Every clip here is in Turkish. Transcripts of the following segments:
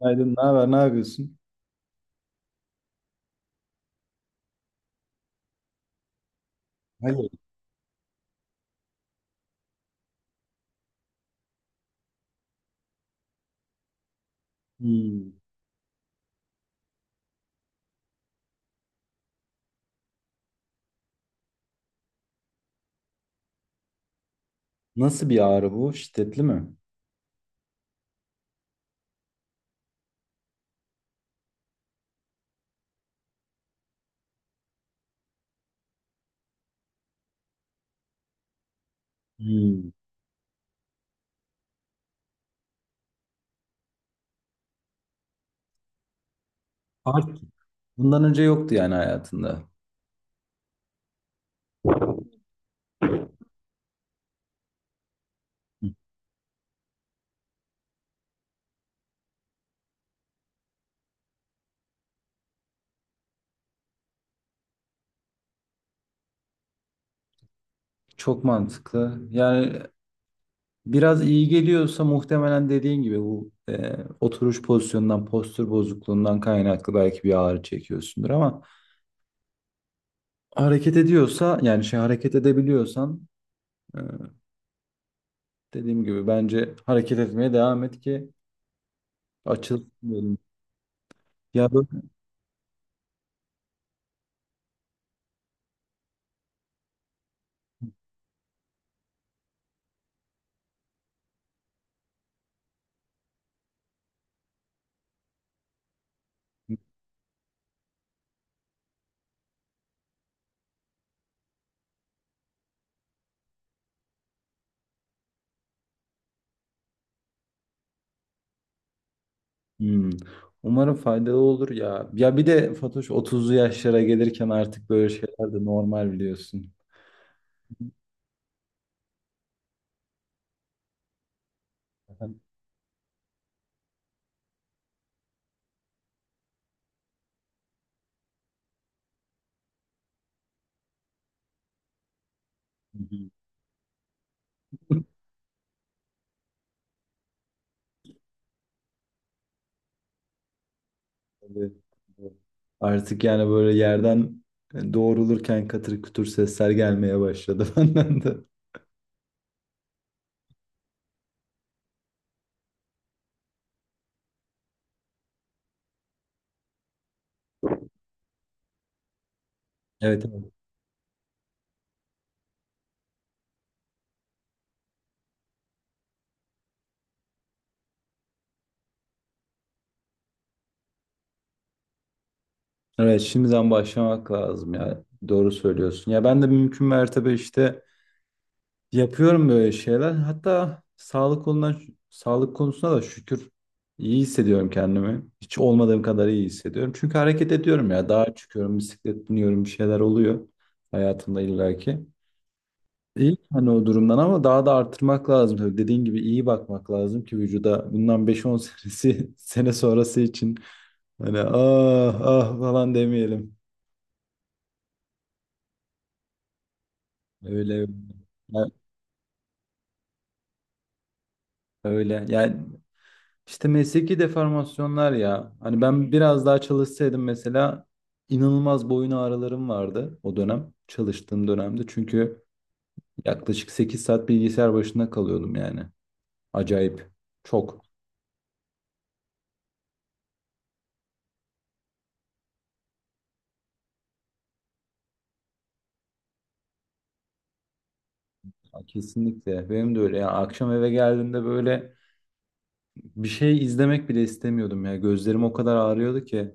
Günaydın, ne haber, ne yapıyorsun? Hayır. Hmm. Nasıl bir ağrı bu? Şiddetli mi? Hmm. Artık bundan önce yoktu yani hayatında. Çok mantıklı. Yani biraz iyi geliyorsa muhtemelen dediğin gibi bu oturuş pozisyonundan, postür bozukluğundan kaynaklı belki bir ağrı çekiyorsundur ama hareket ediyorsa yani şey hareket edebiliyorsan e, dediğim gibi bence hareket etmeye devam et ki açılsın, diyelim. Ya böyle. Hmm. Umarım faydalı olur ya. Ya bir de Fatoş 30'lu yaşlara gelirken artık böyle şeyler de normal biliyorsun. Evet. Artık yani böyle yerden doğrulurken katır kütür sesler gelmeye başladı benden de. Evet, evet. Evet, şimdiden başlamak lazım ya. Doğru söylüyorsun. Ya ben de mümkün mertebe işte yapıyorum böyle şeyler. Hatta sağlık konudan, sağlık konusuna da şükür iyi hissediyorum kendimi. Hiç olmadığım kadar iyi hissediyorum. Çünkü hareket ediyorum ya. Dağa çıkıyorum, bisiklet biniyorum, bir şeyler oluyor hayatımda illaki. İyi hani o durumdan ama daha da artırmak lazım. Tabii dediğin gibi iyi bakmak lazım ki vücuda bundan beş on senesi, sene sonrası için hani ah ah falan demeyelim. Öyle. Ya- Öyle. Yani İşte mesleki deformasyonlar ya. Hani ben biraz daha çalışsaydım mesela inanılmaz boyun ağrılarım vardı o dönem. Çalıştığım dönemde. Çünkü yaklaşık 8 saat bilgisayar başında kalıyordum yani. Acayip. Çok. Kesinlikle. Benim de öyle. Yani akşam eve geldiğimde böyle bir şey izlemek bile istemiyordum ya. Gözlerim o kadar ağrıyordu ki.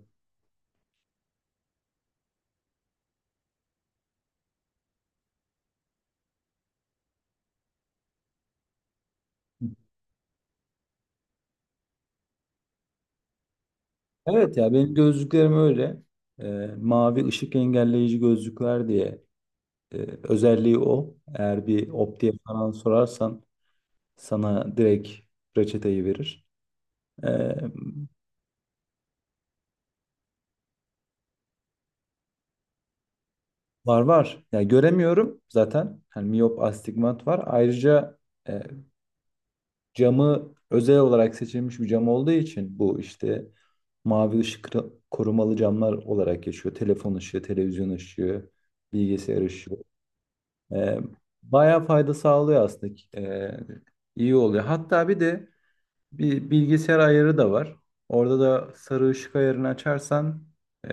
Evet ya benim gözlüklerim öyle. Mavi ışık engelleyici gözlükler diye. Ee, özelliği o. Eğer bir optiye falan sorarsan sana direkt reçeteyi verir. Ee, var var. Yani göremiyorum zaten. Yani miyop astigmat var. Ayrıca e, camı özel olarak seçilmiş bir cam olduğu için bu işte mavi korumalı camlar olarak geçiyor. Telefon ışığı, televizyon ışığı, bilgisayar ışığı. Ee, bayağı fayda sağlıyor aslında. İyi oluyor. Hatta bir de bir bilgisayar ayarı da var. Orada da sarı ışık ayarını açarsan e,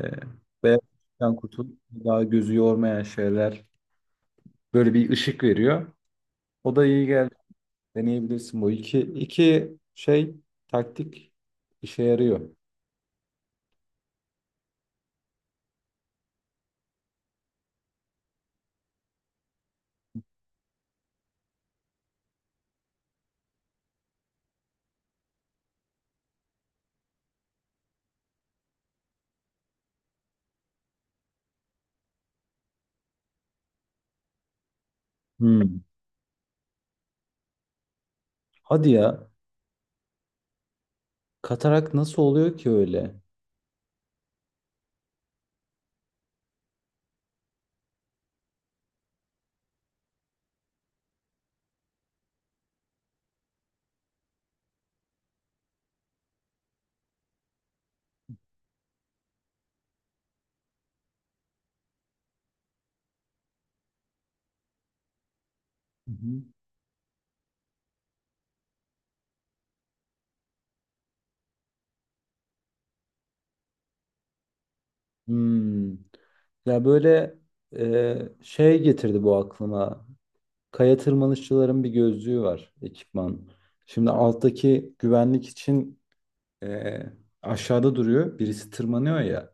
beyaz ışıktan kurtulup daha gözü yormayan şeyler, böyle bir ışık veriyor. O da iyi geldi. Deneyebilirsin bu. İki iki şey, taktik işe yarıyor. Hmm. Hadi ya. Katarak nasıl oluyor ki öyle? Hı hı. Hmm. Ya böyle şey getirdi bu aklıma. Kaya tırmanışçıların bir gözlüğü var, ekipman. Şimdi alttaki güvenlik için e, aşağıda duruyor. Birisi tırmanıyor ya.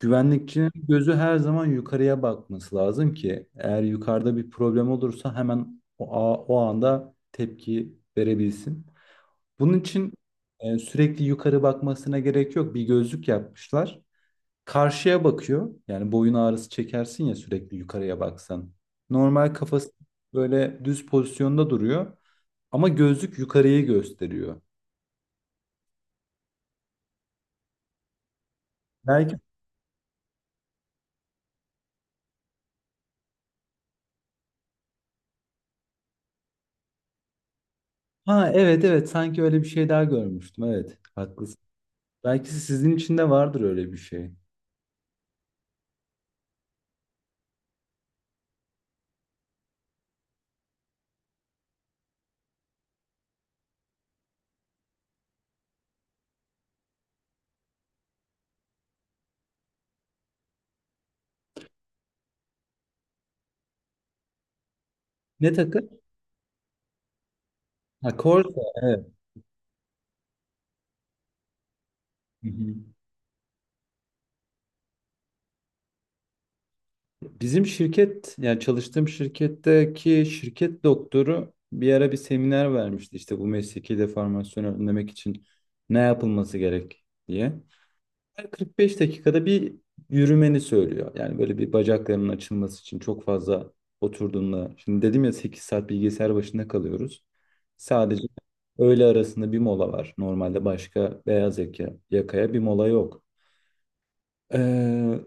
Güvenlikçinin gözü her zaman yukarıya bakması lazım ki eğer yukarıda bir problem olursa hemen o anda tepki verebilsin. Bunun için sürekli yukarı bakmasına gerek yok. Bir gözlük yapmışlar. Karşıya bakıyor. Yani boyun ağrısı çekersin ya sürekli yukarıya baksan. Normal kafası böyle düz pozisyonda duruyor. Ama gözlük yukarıyı gösteriyor. Belki ha evet evet, sanki öyle bir şey daha görmüştüm. Evet haklısın. Belki sizin için de vardır öyle bir şey. Ne takı? Ha Corsa evet. Hı hı. Bizim şirket yani çalıştığım şirketteki şirket doktoru bir ara bir seminer vermişti işte bu mesleki deformasyonu önlemek için ne yapılması gerek diye. Her 45 dakikada bir yürümeni söylüyor. Yani böyle bir bacaklarının açılması için çok fazla oturduğunda. Şimdi dedim ya 8 saat bilgisayar başında kalıyoruz. Sadece öğle arasında bir mola var. Normalde başka beyaz yaka, yakaya bir mola yok. Ee,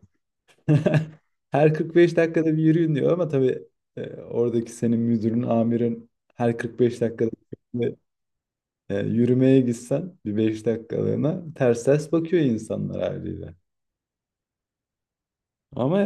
her 45 dakikada bir yürüyün diyor ama tabii oradaki senin müdürün, amirin her 45 dakikada bir, yürümeye gitsen bir 5 dakikalığına ters ters bakıyor insanlar haliyle. Ama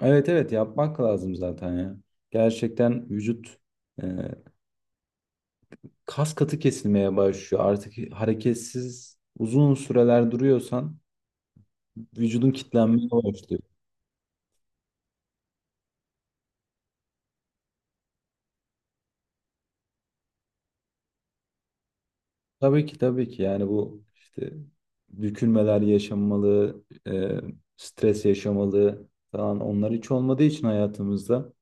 evet evet, yapmak lazım zaten ya. Gerçekten vücut e, kas katı kesilmeye başlıyor. Artık hareketsiz uzun süreler duruyorsan vücudun Hı. kitlenmeye başlıyor. Tabii ki tabii ki yani bu işte bükülmeler yaşanmalı, e, stres yaşamalı falan, onlar hiç olmadığı için hayatımızda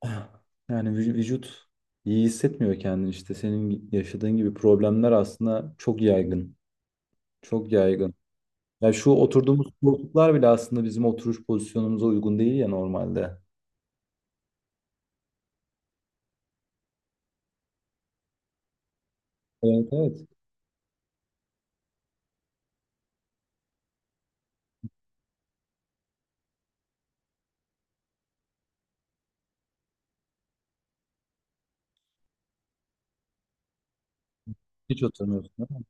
yani vücut iyi hissetmiyor kendini, işte senin yaşadığın gibi problemler aslında çok yaygın. Çok yaygın. Ya şu oturduğumuz koltuklar bile aslında bizim oturuş pozisyonumuza uygun değil ya normalde. Evet evet. Hiç oturmuyorsun, değil mi?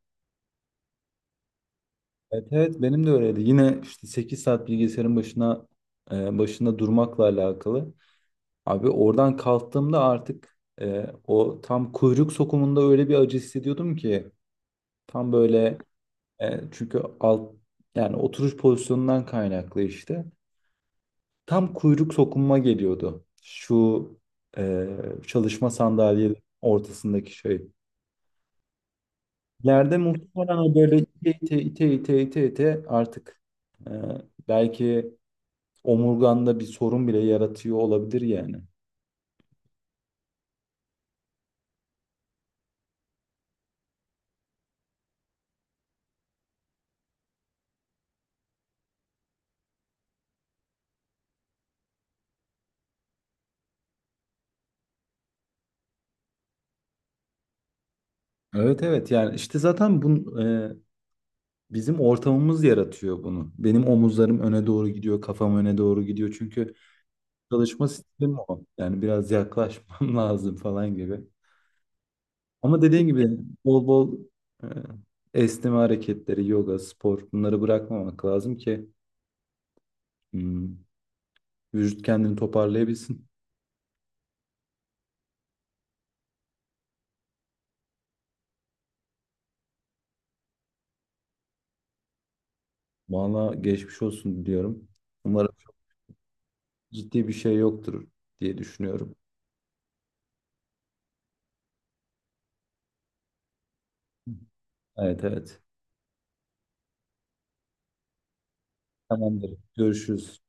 Evet evet benim de öyleydi. Yine işte 8 saat başında durmakla alakalı. Abi oradan kalktığımda artık o tam kuyruk sokumunda öyle bir acı hissediyordum ki tam böyle çünkü alt yani oturuş pozisyonundan kaynaklı işte. Tam kuyruk sokunma geliyordu. Şu e, çalışma sandalyenin ortasındaki şey. Yerde muhtemelen o böyle ite artık e, belki omurganda bir sorun bile yaratıyor olabilir yani. Evet evet yani işte zaten bu e, Bizim ortamımız yaratıyor bunu. Benim omuzlarım öne doğru gidiyor, kafam öne doğru gidiyor. Çünkü çalışma stilim o. Yani biraz yaklaşmam lazım falan gibi. Ama dediğin gibi bol bol e, esneme hareketleri, yoga, spor, bunları bırakmamak lazım ki hmm, vücut kendini toparlayabilsin. Valla geçmiş olsun diyorum. Umarım çok ciddi bir şey yoktur diye düşünüyorum. Evet evet. Tamamdır. Görüşürüz.